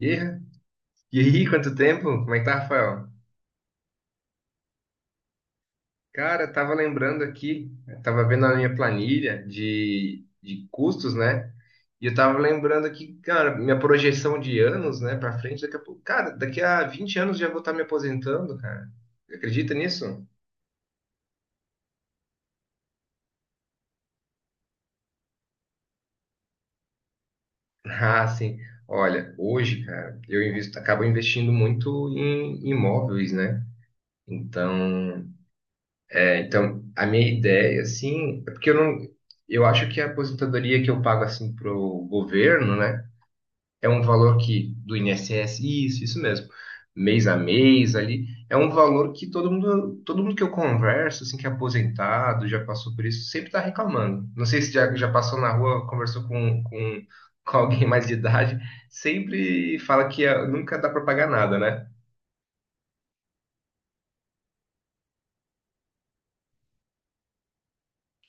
E, e aí, quanto tempo? Como é que tá, Rafael? Cara, eu tava lembrando aqui, eu tava vendo a minha planilha de custos, né? E eu tava lembrando aqui, cara, minha projeção de anos, né, pra frente, daqui a pouco. Cara, daqui a 20 anos já vou estar me aposentando, cara. Você Acredita nisso? Ah, sim. Olha, hoje, cara, eu invisto, acabo investindo muito em imóveis, né? Então, é, então, a minha ideia, assim, é porque eu não, eu acho que a aposentadoria que eu pago, assim, pro governo, né, é um valor que, do INSS, isso, isso mesmo, mês a mês ali, é um valor que todo mundo que eu converso, assim, que é aposentado, já passou por isso, sempre tá reclamando. Não sei se já passou na rua, conversou com alguém mais de idade, sempre fala que ah, nunca dá pra pagar nada, né?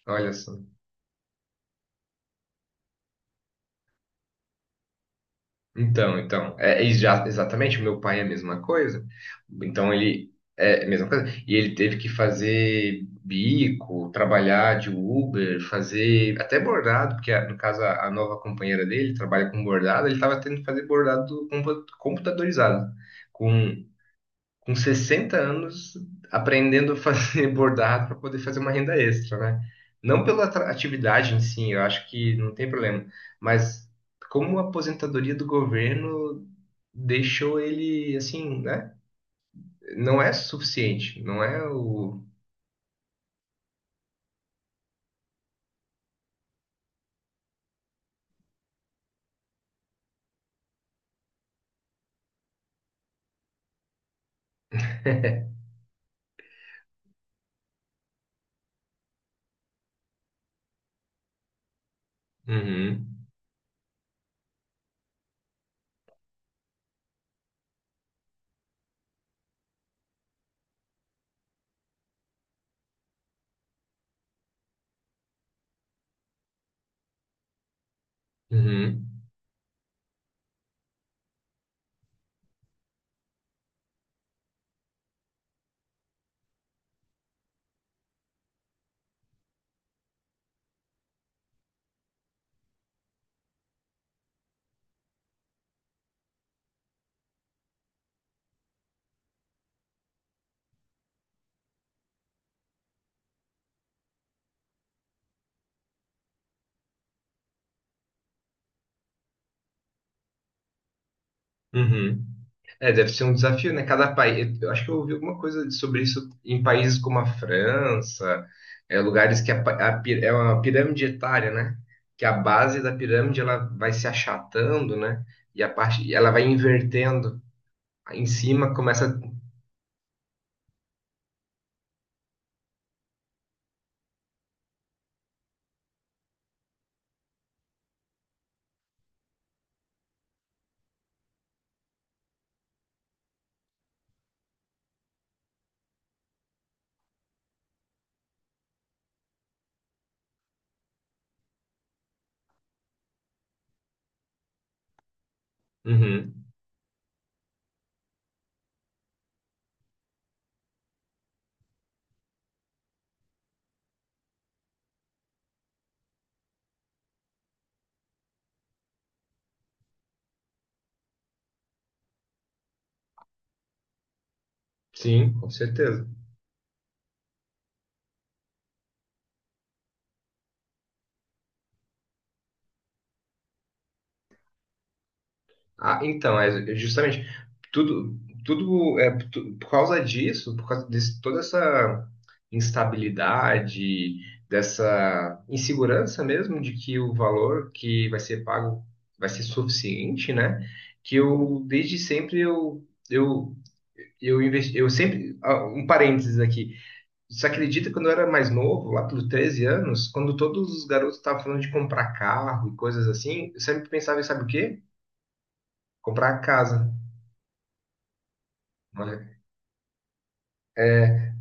Olha só. Então, exatamente, meu pai é a mesma coisa. Então ele é a mesma coisa. E ele teve que fazer bico, trabalhar de Uber, fazer até bordado, porque no caso a nova companheira dele trabalha com bordado, ele estava tendo que fazer bordado computadorizado com 60 anos aprendendo a fazer bordado para poder fazer uma renda extra, né? Não pela atividade em si, eu acho que não tem problema, mas como a aposentadoria do governo deixou ele assim, né? Não é suficiente, não é o. Uhum, uhum, uhum. É, deve ser um desafio, né? Cada país. Eu acho que eu ouvi alguma coisa sobre isso em países como a França, é, lugares que a, pa- a pi- é uma pirâmide etária, né? Que a base da pirâmide ela vai se achatando, né? E a parte, e ela vai invertendo. Aí em cima começa. Uhum. Sim, com certeza. Ah, então, é justamente tudo, por causa disso, por causa de toda essa instabilidade, dessa insegurança mesmo de que o valor que vai ser pago vai ser suficiente, né? Que eu desde sempre eu investi, eu sempre ah, um parênteses aqui. Você acredita que quando eu era mais novo, lá pelos 13 anos, quando todos os garotos estavam falando de comprar carro e coisas assim, eu sempre pensava em sabe o quê? Comprar casa. Olha, é,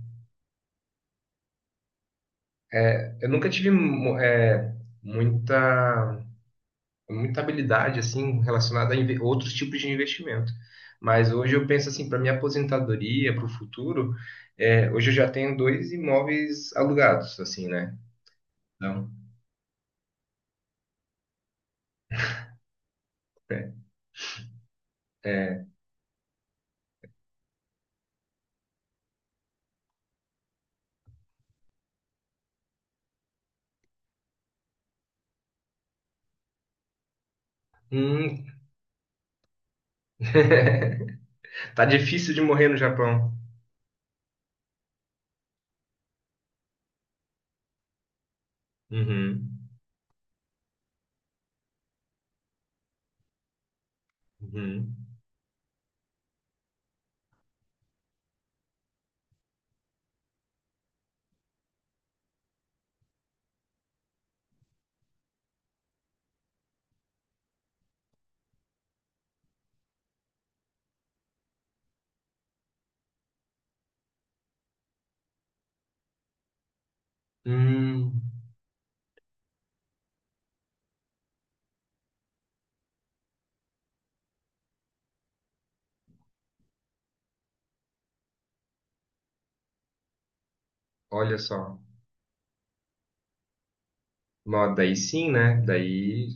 é, eu nunca tive muita, muita habilidade assim relacionada a outros tipos de investimento. Mas hoje eu penso assim, para minha aposentadoria, para o futuro, é, hoje eu já tenho dois imóveis alugados, assim, né? Então, é, é, hum, tá difícil de morrer no Japão. Uhum, uhum. Hum, olha só. Bom, daí sim, né? Daí.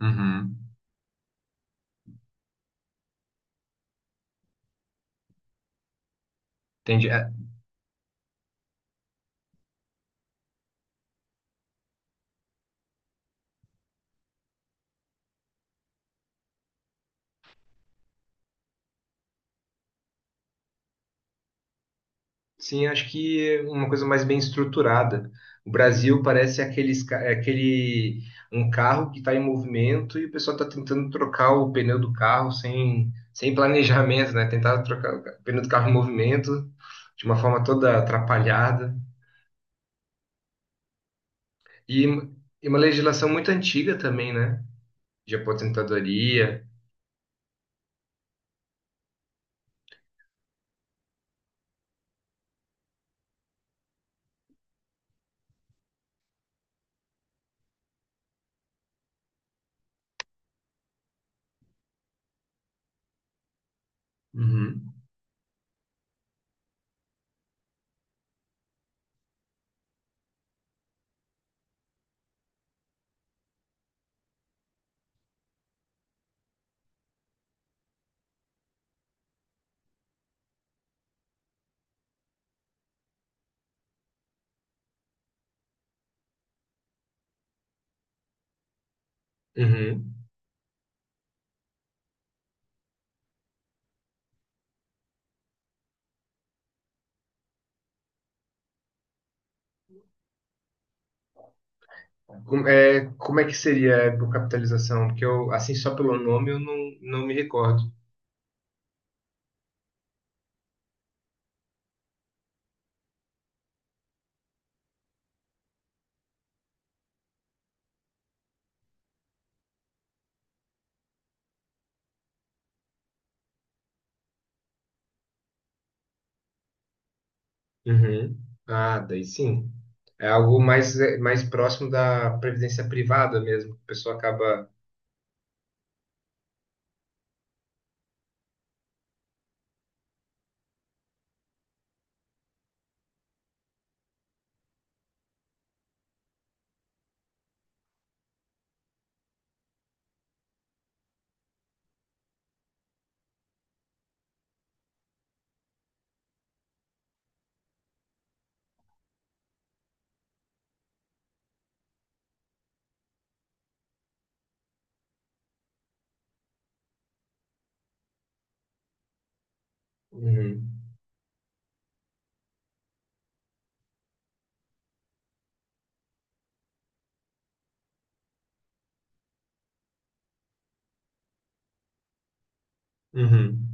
Uhum. Entendi. É. Sim, acho que uma coisa mais bem estruturada. O Brasil parece aqueles, é aquele um carro que está em movimento e o pessoal está tentando trocar o pneu do carro sem planejamento, né? Tentar trocar o pneu do carro em movimento de uma forma toda atrapalhada. E, e uma legislação muito antiga também, né? De aposentadoria. Uhum. Uhum. Como é que seria a capitalização? Porque eu, assim, só pelo nome, eu não, não me recordo. Uhum. Ah, daí sim. É algo mais, é, mais próximo da previdência privada mesmo. A pessoa acaba. Uhum. Uhum.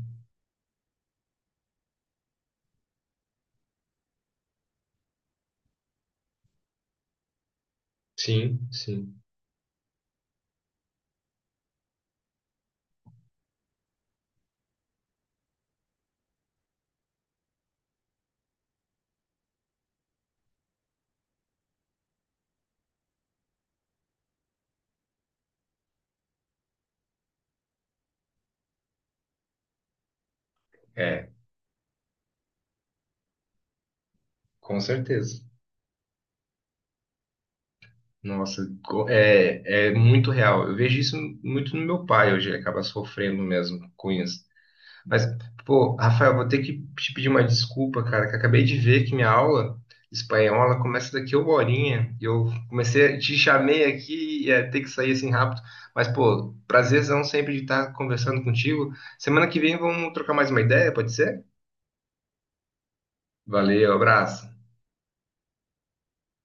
Sim, sim. É, com certeza. Nossa, é, é muito real. Eu vejo isso muito no meu pai hoje. Ele acaba sofrendo mesmo com isso. Mas, pô, Rafael, vou ter que te pedir uma desculpa, cara, que eu acabei de ver que minha aula espanhola começa daqui a uma horinha. E eu comecei, te chamei aqui e ia ter que sair assim rápido. Mas, pô, prazerzão sempre de estar conversando contigo. Semana que vem vamos trocar mais uma ideia, pode ser? Valeu, abraço.